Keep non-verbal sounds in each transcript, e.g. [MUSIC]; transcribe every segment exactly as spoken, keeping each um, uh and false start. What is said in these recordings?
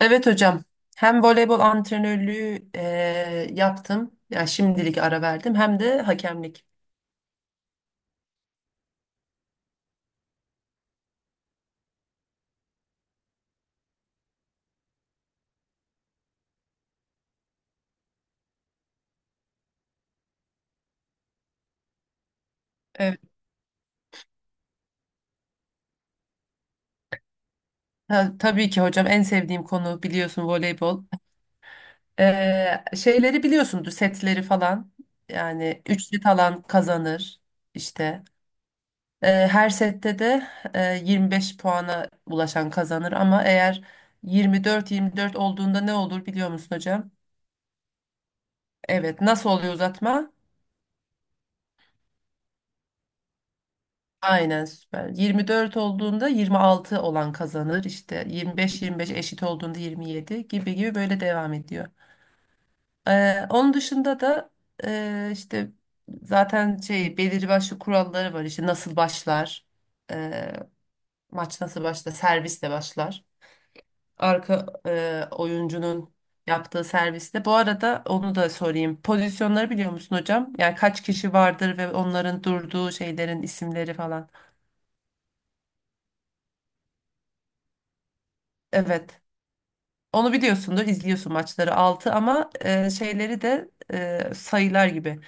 Evet hocam. Hem voleybol antrenörlüğü eee, yaptım. Yani şimdilik ara verdim. Hem de hakemlik. Evet. Ta- tabii ki hocam en sevdiğim konu biliyorsun voleybol. Eee, şeyleri biliyorsundur setleri falan. Yani üç set alan kazanır işte. Eee, her sette de eee, yirmi beş puana ulaşan kazanır, ama eğer yirmi dört yirmi dört olduğunda ne olur biliyor musun hocam? Evet. Nasıl oluyor uzatma? Aynen, süper. yirmi dört olduğunda yirmi altı olan kazanır işte, yirmi beş yirmi beş eşit olduğunda yirmi yedi, gibi gibi böyle devam ediyor. Ee, onun dışında da e, işte zaten şey belirli başlı kuralları var. İşte nasıl başlar, e, maç nasıl başlar, servisle başlar. Arka e, oyuncunun yaptığı servisle. Bu arada onu da sorayım. Pozisyonları biliyor musun hocam? Yani kaç kişi vardır ve onların durduğu şeylerin isimleri falan. Evet. Onu biliyorsundur, izliyorsun maçları, altı. Ama e, şeyleri de e, sayılar gibi.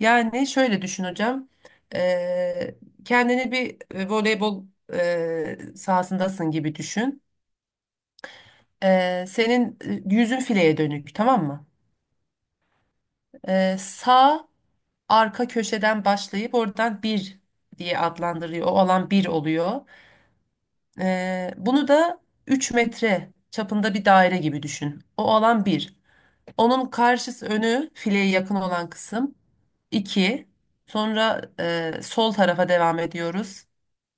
Yani şöyle düşün hocam. E, kendini bir e, voleybol e, sahasındasın gibi düşün. E, senin e, yüzün fileye dönük, tamam mı? E, sağ arka köşeden başlayıp oradan bir diye adlandırıyor. O alan bir oluyor. E, bunu da üç metre çapında bir daire gibi düşün. O alan bir. Onun karşısı, önü fileye yakın olan kısım, iki. Sonra e, sol tarafa devam ediyoruz.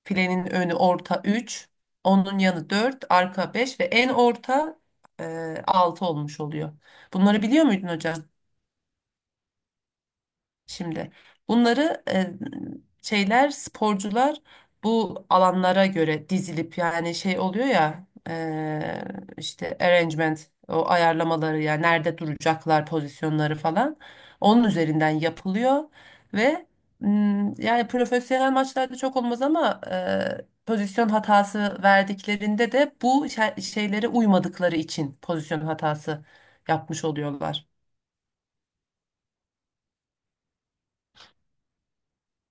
Filenin önü orta, üç. Onun yanı dört, arka beş ve en orta e, altı olmuş oluyor. Bunları biliyor muydun hocam? Şimdi bunları e, şeyler, sporcular bu alanlara göre dizilip yani şey oluyor ya, e, işte arrangement, o ayarlamaları, yani nerede duracaklar, pozisyonları falan onun üzerinden yapılıyor. Ve m, yani profesyonel maçlarda çok olmaz, ama e, pozisyon hatası verdiklerinde de bu şe- şeylere uymadıkları için pozisyon hatası yapmış oluyorlar.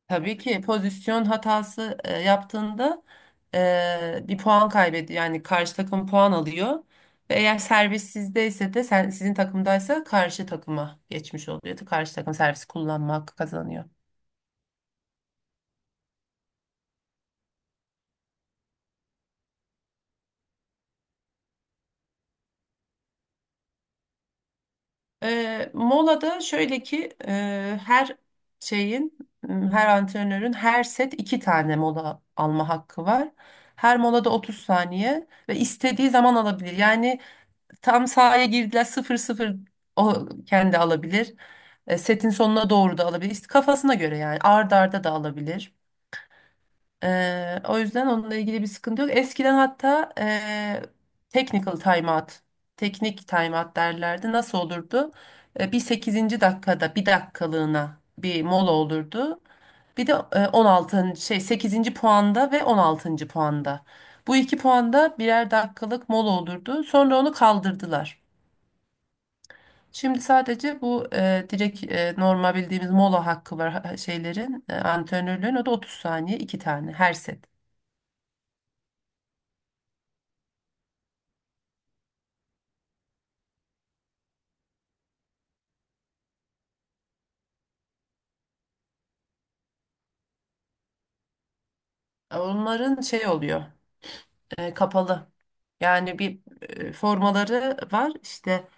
Tabii ki pozisyon hatası e, yaptığında e, bir puan kaybediyor. Yani karşı takım puan alıyor. Ve eğer servis sizdeyse de, sen, sizin takımdaysa karşı takıma geçmiş oluyor. Karşı takım servis kullanma hakkı kazanıyor. E, molada şöyle ki, e, her şeyin, m, her antrenörün her set iki tane mola alma hakkı var. Her molada otuz saniye ve istediği zaman alabilir. Yani tam sahaya girdiler sıfır sıfır, o kendi alabilir. E, setin sonuna doğru da alabilir. İşte kafasına göre, yani arda arda da alabilir. E, o yüzden onunla ilgili bir sıkıntı yok. Eskiden hatta e, technical timeout, teknik timeout derlerdi. Nasıl olurdu? E, bir sekizinci dakikada bir dakikalığına bir mola olurdu. Bir de e, on altıncı şey sekizinci puanda ve on altıncı puanda, bu iki puanda birer dakikalık mola olurdu. Sonra onu kaldırdılar. Şimdi sadece bu e, direkt e, normal bildiğimiz mola hakkı var ha- şeylerin e, antrenörlerin, o da otuz saniye, iki tane her set. E, Onların şey oluyor, e, kapalı. Yani bir e, formaları var işte,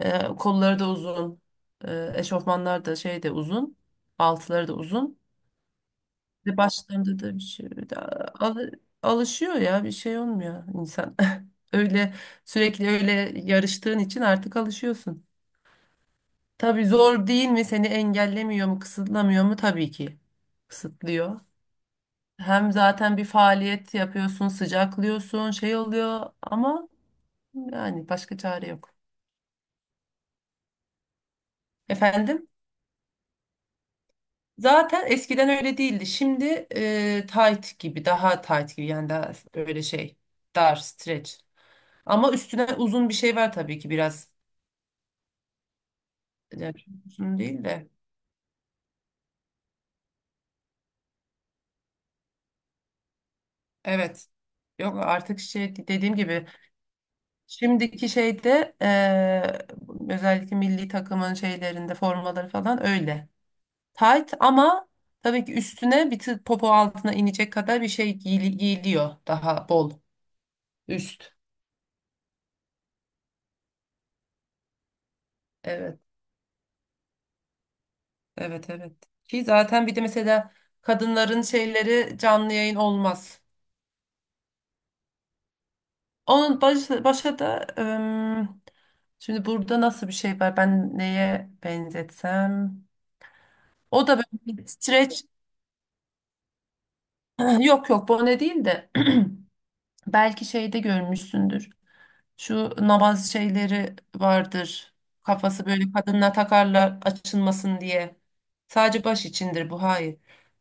e, kolları da uzun, e, eşofmanlar da şey de uzun, altları da uzun ve başlarında da bir şey. Bir de al- alışıyor ya, bir şey olmuyor insan. [LAUGHS] Öyle sürekli öyle yarıştığın için artık alışıyorsun. Tabii zor değil mi? Seni engellemiyor mu, kısıtlamıyor mu? Tabii ki kısıtlıyor. Hem zaten bir faaliyet yapıyorsun, sıcaklıyorsun, şey oluyor, ama yani başka çare yok. Efendim? Zaten eskiden öyle değildi. Şimdi e, tight gibi, daha tight gibi, yani daha öyle şey, dar, stretch. Ama üstüne uzun bir şey var tabii ki, biraz. Yani çok uzun değil de. Evet. Yok, artık şey, dediğim gibi. Şimdiki şeyde eee, özellikle milli takımın şeylerinde formaları falan öyle. Tight, ama tabii ki üstüne bir tık, popo altına inecek kadar bir şey giyili- giyiliyor, daha bol üst. Evet, evet, evet. Ki zaten bir de mesela kadınların şeyleri, canlı yayın olmaz. Onun baş, başa da, ım, şimdi burada nasıl bir şey var? Ben neye benzetsem? O da böyle bir streç. [CLEARS THROAT] Yok yok, bone değil de. [CLEARS THROAT] Belki şeyde görmüşsündür. Şu namaz şeyleri vardır. Kafası böyle kadınla takarlar açılmasın diye. Sadece baş içindir bu, hayır.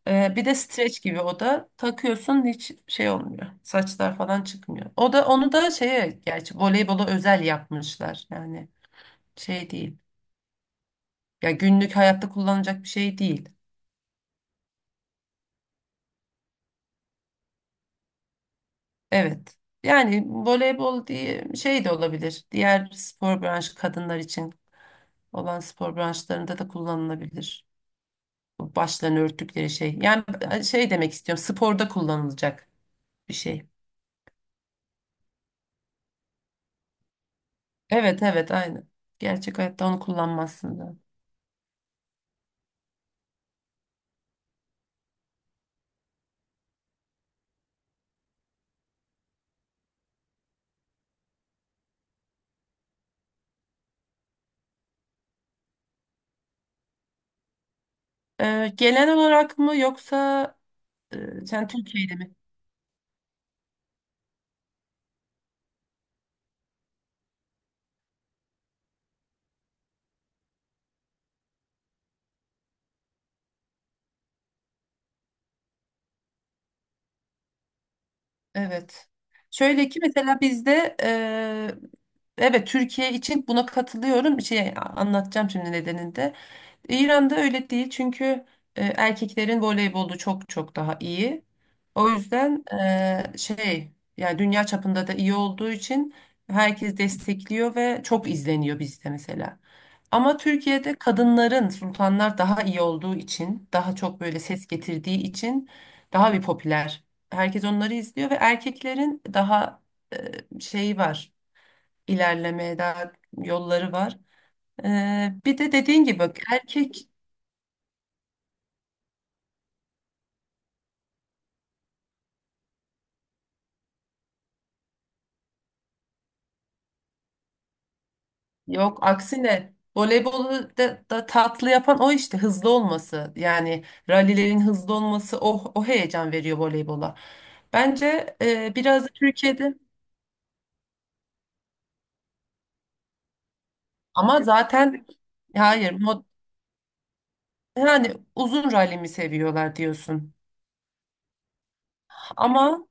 Ee, bir de streç gibi, o da takıyorsun, hiç şey olmuyor. Saçlar falan çıkmıyor. O da, onu da şeye, gerçi voleybola özel yapmışlar. Yani şey değil. Ya günlük hayatta kullanacak bir şey değil. Evet. Yani voleybol diye şey de olabilir. Diğer spor branşı, kadınlar için olan spor branşlarında da kullanılabilir, bu başlarını örttükleri şey. Yani şey demek istiyorum, sporda kullanılacak bir şey. Evet, evet, aynı. Gerçek hayatta onu kullanmazsın da. Ee, genel olarak mı, yoksa e, sen Türkiye'de mi? Evet. Şöyle ki mesela bizde e, evet, Türkiye için buna katılıyorum. Bir şey anlatacağım şimdi nedeninde. İran'da öyle değil, çünkü e, erkeklerin voleybolu çok çok daha iyi. O yüzden e, şey, yani dünya çapında da iyi olduğu için herkes destekliyor ve çok izleniyor bizde mesela. Ama Türkiye'de kadınların, sultanlar, daha iyi olduğu için, daha çok böyle ses getirdiği için daha bir popüler. Herkes onları izliyor ve erkeklerin daha e, şeyi var, ilerlemeye daha yolları var. Ee, bir de dediğin gibi bak, erkek. Yok, aksine voleybolu da, da tatlı yapan o işte, hızlı olması. Yani rallilerin hızlı olması, o, o heyecan veriyor voleybola. Bence e, biraz da Türkiye'de, ama zaten hayır, mod- yani uzun rally mi seviyorlar diyorsun. Ama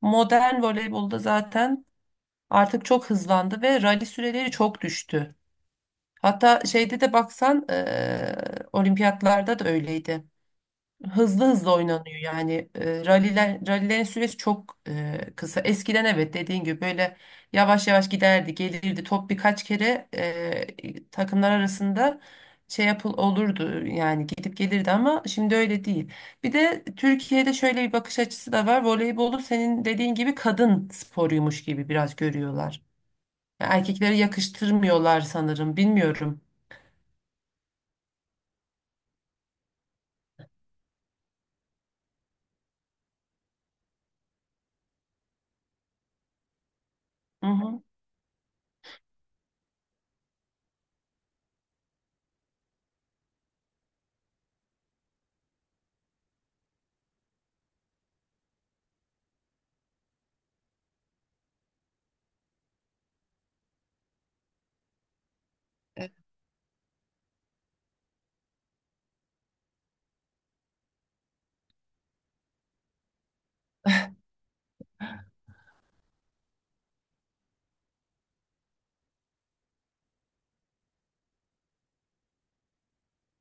modern voleybolda zaten artık çok hızlandı ve rally süreleri çok düştü. Hatta şeyde de baksan e, olimpiyatlarda da öyleydi. Hızlı hızlı oynanıyor, yani e, ralliler rallilerin süresi çok e, kısa. Eskiden evet, dediğin gibi böyle yavaş yavaş giderdi, gelirdi. Top birkaç kere e, takımlar arasında şey yapıl olurdu, yani gidip gelirdi, ama şimdi öyle değil. Bir de Türkiye'de şöyle bir bakış açısı da var: Voleybolu, senin dediğin gibi, kadın sporuymuş gibi biraz görüyorlar. Erkeklere yakıştırmıyorlar sanırım, bilmiyorum. Hı hı.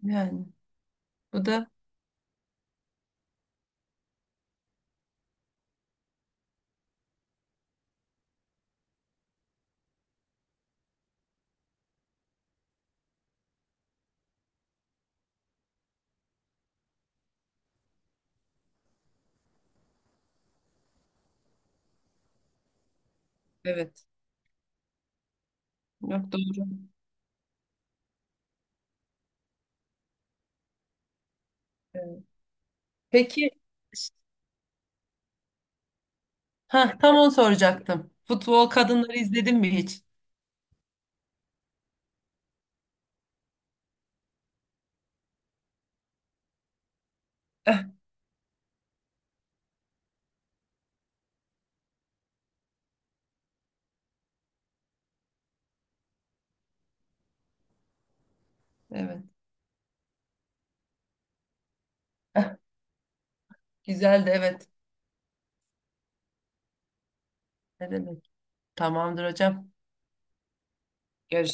Yani bu da, evet. Yok, doğru. Evet. Peki, ha, tam onu soracaktım. Futbol kadınları izledin mi hiç? Eh. Evet. Eh. Güzeldi, evet. Ne demek? Tamamdır hocam. Görüşürüz.